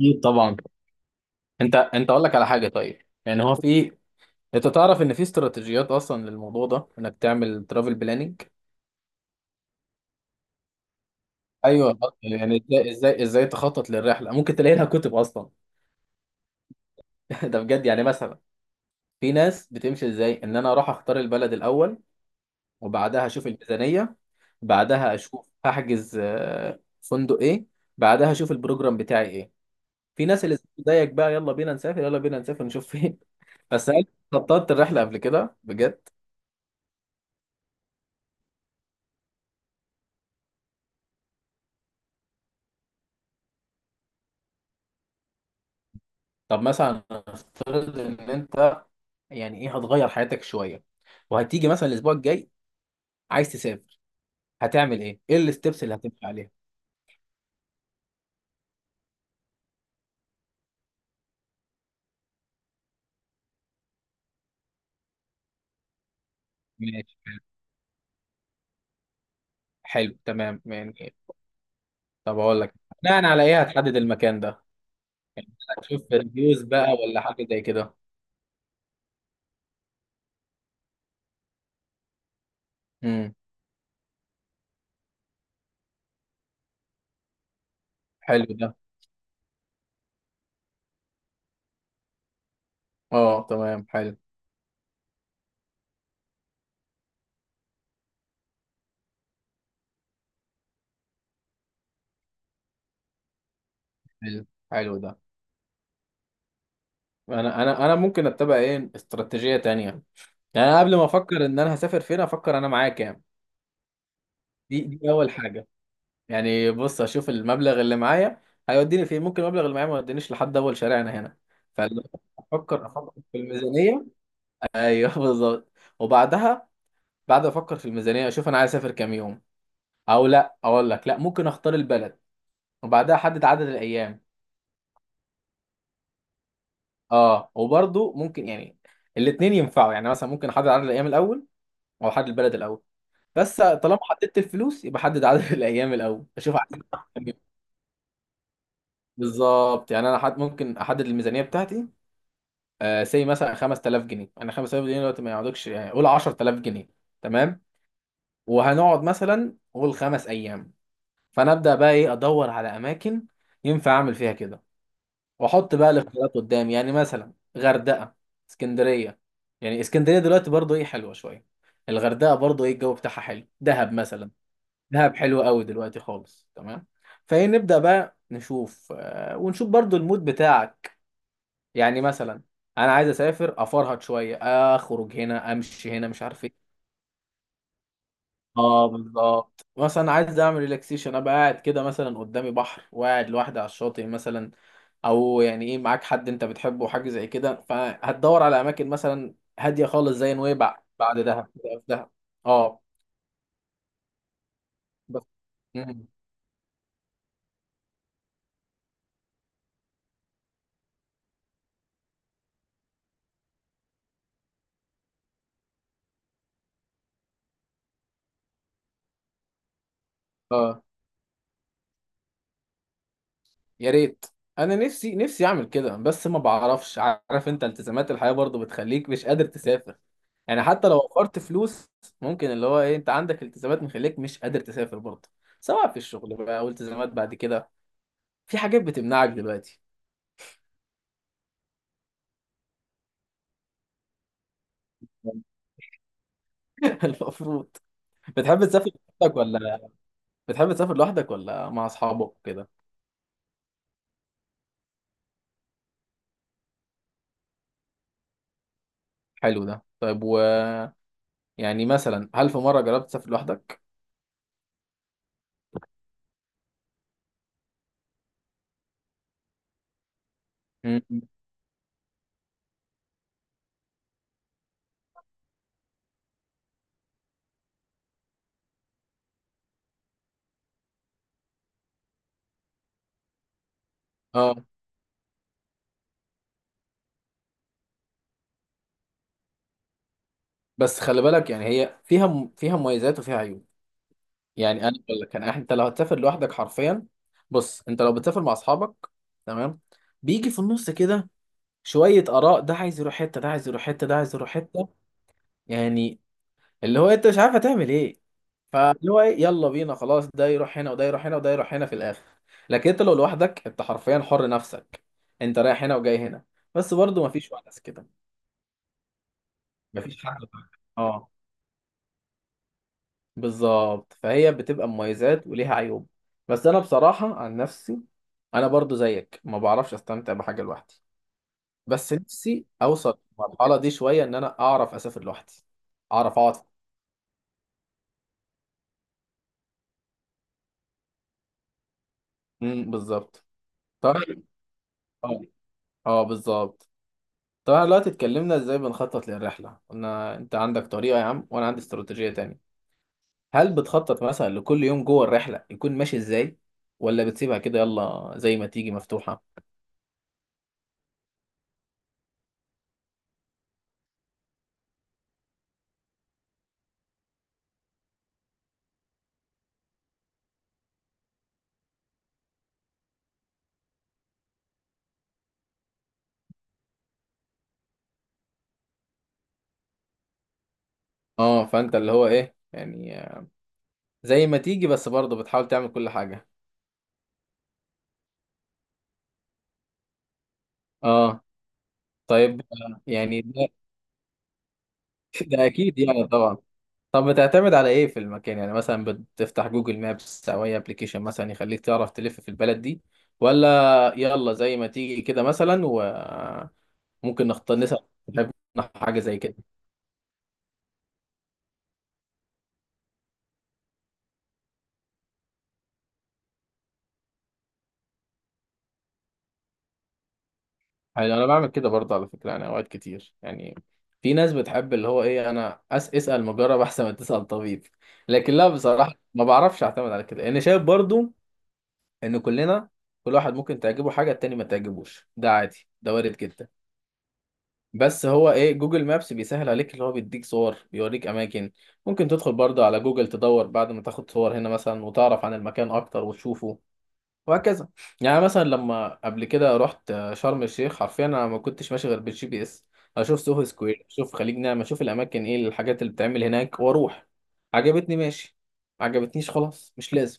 اكيد طبعا. انت اقول لك على حاجه، طيب. يعني هو في انت تعرف ان في استراتيجيات اصلا للموضوع ده انك تعمل ترافل بلاننج. ايوه، يعني ازاي تخطط للرحله؟ ممكن تلاقي لها كتب اصلا. ده بجد، يعني مثلا في ناس بتمشي ازاي، ان انا اروح اختار البلد الاول، وبعدها اشوف الميزانيه، بعدها اشوف هحجز فندق ايه، بعدها اشوف البروجرام بتاعي ايه. في ناس اللي زيك بقى، يلا بينا نسافر يلا بينا نسافر نشوف فين. بس هل خططت الرحله قبل كده بجد؟ طب مثلا نفترض ان انت، يعني ايه، هتغير حياتك شويه، وهتيجي مثلا الاسبوع الجاي عايز تسافر، هتعمل ايه؟ ايه الستبس اللي هتمشي عليها؟ ماشي، حلو تمام يعني. طب اقول لك، بناء على ايه هتحدد المكان ده؟ هتشوف ريفيوز بقى ولا حاجه زي كده؟ امم، حلو ده. اه تمام، حلو حلو، حلو ده. انا ممكن اتبع ايه استراتيجيه تانية. يعني انا قبل ما افكر ان انا هسافر فين، افكر انا معايا كام. دي اول حاجه. يعني بص اشوف المبلغ اللي معايا هيوديني فين، ممكن المبلغ اللي معايا ما يودينيش لحد اول شارعنا هنا. فافكر افكر في الميزانيه، ايوه بالظبط. وبعدها، بعد ما افكر في الميزانيه اشوف انا عايز اسافر كام يوم. او لا اقول لك، لا، ممكن اختار البلد وبعدها احدد عدد الايام. اه، وبرضه ممكن يعني الاثنين ينفعوا، يعني مثلا ممكن احدد عدد الايام الاول او احدد البلد الاول. بس طالما حددت الفلوس، يبقى حدد عدد الايام الاول، اشوف عايز أروح كام يوم. بالظبط، يعني انا حد ممكن احدد الميزانيه بتاعتي سي مثلا 5000 جنيه، انا 5000 جنيه دلوقتي ما يقعدوكش، يعني قول 10000 جنيه، تمام. وهنقعد مثلا قول 5 ايام، فانا ابدا بقى ايه، ادور على اماكن ينفع اعمل فيها كده، واحط بقى الاختيارات قدامي. يعني مثلا غردقه، اسكندريه. يعني اسكندريه دلوقتي برضو ايه، حلوه شويه. الغردقه برضو ايه، الجو بتاعها حلو. دهب مثلا، دهب حلو قوي دلوقتي خالص، تمام. فايه، نبدا بقى نشوف ونشوف برضو المود بتاعك. يعني مثلا انا عايز اسافر افرهد شويه، اخرج هنا امشي هنا مش عارف ايه. اه بالظبط، مثلا عايز اعمل ريلاكسيشن، ابقى قاعد كده مثلا قدامي بحر وقاعد لوحدي على الشاطئ مثلا. او يعني ايه، معاك حد انت بتحبه، حاجه زي كده، فهتدور على اماكن مثلا هاديه خالص زي نويبع، بعد دهب في دهب. اه. بس. مم. آه. يا ريت. انا نفسي نفسي اعمل كده، بس ما بعرفش، عارف انت التزامات الحياة برضو بتخليك مش قادر تسافر. يعني حتى لو وفرت فلوس، ممكن اللي هو ايه، انت عندك التزامات مخليك مش قادر تسافر برضو، سواء في الشغل بقى او التزامات بعد كده. في حاجات بتمنعك دلوقتي. المفروض. بتحب تسافر لوحدك ولا بتحب تسافر لوحدك ولا مع اصحابك كده؟ حلو ده، طيب، و، يعني مثلا هل في مرة جربت تسافر لوحدك؟ م- م. اه، بس خلي بالك، يعني هي فيها فيها مميزات وفيها عيوب. يعني انا بقول لك، انت لو هتسافر لوحدك حرفيا، بص، انت لو بتسافر مع اصحابك تمام، بيجي في النص كده شويه اراء، ده عايز يروح حته، ده عايز يروح حته، ده عايز يروح حته. يعني اللي هو انت مش عارف هتعمل ايه. فاللي هو يلا بينا خلاص، ده يروح هنا وده يروح هنا وده يروح هنا في الاخر. لكن انت لو لوحدك، انت حرفيا حر نفسك، انت رايح هنا وجاي هنا. بس برضه مفيش ونس كده، مفيش حد معاك. اه بالظبط، فهي بتبقى مميزات وليها عيوب. بس انا بصراحة عن نفسي، انا برضو زيك ما بعرفش استمتع بحاجة لوحدي. بس نفسي اوصل المرحلة دي شوية، ان انا اعرف اسافر لوحدي، اعرف اقعد. بالظبط. طيب. اه. اه بالظبط. طب احنا دلوقتي اتكلمنا ازاي بنخطط للرحلة، قلنا انت عندك طريقة يا عم وانا عندي استراتيجية تانية. هل بتخطط مثلا لكل يوم جوه الرحلة يكون ماشي ازاي، ولا بتسيبها كده يلا زي ما تيجي، مفتوحة؟ اه، فانت اللي هو ايه، يعني زي ما تيجي، بس برضه بتحاول تعمل كل حاجة. اه. طيب يعني ده اكيد يعني طبعا. طب بتعتمد على ايه في المكان؟ يعني مثلا بتفتح جوجل مابس او اي ابلكيشن مثلا يخليك تعرف تلف في البلد دي، ولا يلا زي ما تيجي كده مثلا وممكن نختار، نسأل، نحب حاجة زي كده؟ يعني انا بعمل كده برضه، على فكرة. يعني اوقات كتير، يعني في ناس بتحب اللي هو ايه، انا اسأل مجرب احسن ما تسأل طبيب. لكن لا، بصراحة ما بعرفش اعتمد على كده. انا شايف برضه ان كلنا، كل واحد ممكن تعجبه حاجه التاني ما تعجبوش، ده عادي، ده وارد جدا. بس هو ايه، جوجل مابس بيسهل عليك، اللي هو بيديك صور، بيوريك اماكن. ممكن تدخل برضه على جوجل تدور بعد ما تاخد صور هنا مثلا وتعرف عن المكان اكتر وتشوفه، وهكذا. يعني مثلا لما قبل كده رحت شرم الشيخ، حرفيا انا ما كنتش ماشي غير بالجي بي اس، اشوف سوهو سكوير، اشوف خليج نعمة، اشوف الاماكن ايه، الحاجات اللي بتتعمل هناك، واروح. عجبتني، ماشي. عجبتنيش، خلاص مش لازم.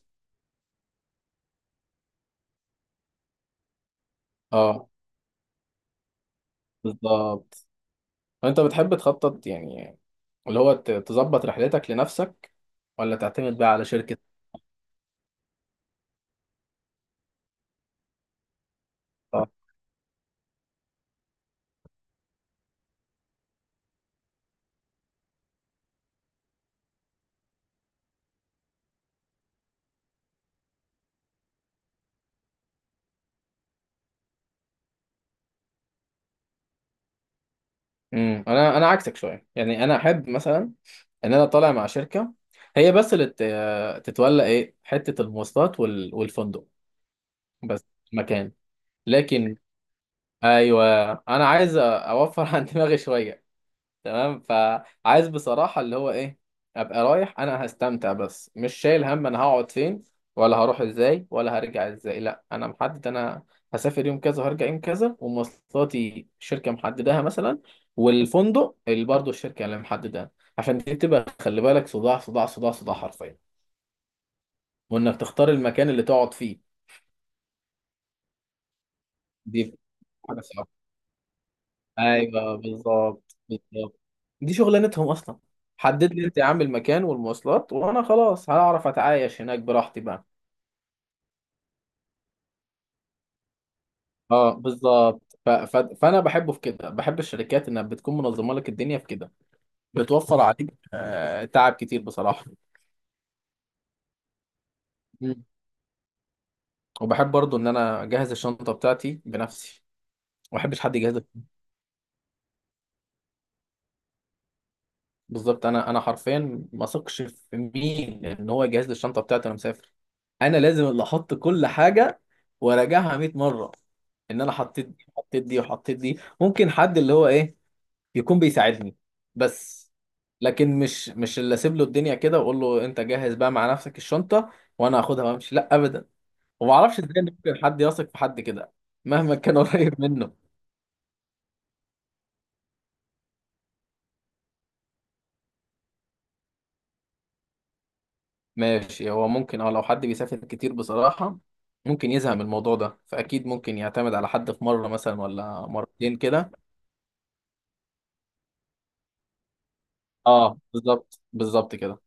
اه بالظبط. انت بتحب تخطط يعني، اللي هو تظبط رحلتك لنفسك، ولا تعتمد بقى على شركة؟ امم، انا عكسك شوية. يعني انا احب مثلا ان انا طالع مع شركة، هي بس اللي تتولى ايه، حتة المواصلات والفندق بس، مكان. لكن، ايوه، انا عايز اوفر عن دماغي شوية، تمام. فعايز بصراحة اللي هو ايه، ابقى رايح انا هستمتع، بس مش شايل هم انا هقعد فين ولا هروح ازاي ولا هرجع ازاي. لا، انا محدد، انا هسافر يوم كذا وهرجع يوم كذا، ومواصلاتي شركة محددها مثلا، والفندق اللي برضه الشركة اللي محددها. عشان دي بتبقى، خلي بالك، صداع صداع صداع صداع حرفيا، وانك تختار المكان اللي تقعد فيه دي حاجة صعبة. ايوه بالظبط بالظبط، دي شغلانتهم اصلا. حدد لي انت يا عم المكان والمواصلات وانا خلاص هعرف اتعايش هناك براحتي بقى. اه بالظبط فانا بحبه في كده، بحب الشركات انها بتكون منظمه لك الدنيا في كده، بتوفر عليك تعب كتير بصراحه. مم. وبحب برضو ان انا اجهز الشنطه بتاعتي بنفسي، ما بحبش حد يجهز. بالظبط، انا حرفيا ما اثقش في مين ان هو يجهز لي الشنطه بتاعتي وانا مسافر. انا لازم اللي احط كل حاجه وراجعها 100 مره، ان انا حطيت دي وحطيت دي وحطيت دي. ممكن حد اللي هو ايه يكون بيساعدني، بس. لكن مش اللي اسيب له الدنيا كده واقول له انت جهز بقى مع نفسك الشنطه وانا هاخدها وامشي. لا ابدا. وما اعرفش ازاي إن ممكن حد يثق في حد كده مهما كان قريب منه. ماشي، هو ممكن اه، لو حد بيسافر كتير بصراحة، ممكن يزهق من الموضوع ده، فأكيد ممكن يعتمد على حد في مرة مثلا ولا مرتين كده. اه بالظبط بالظبط كده.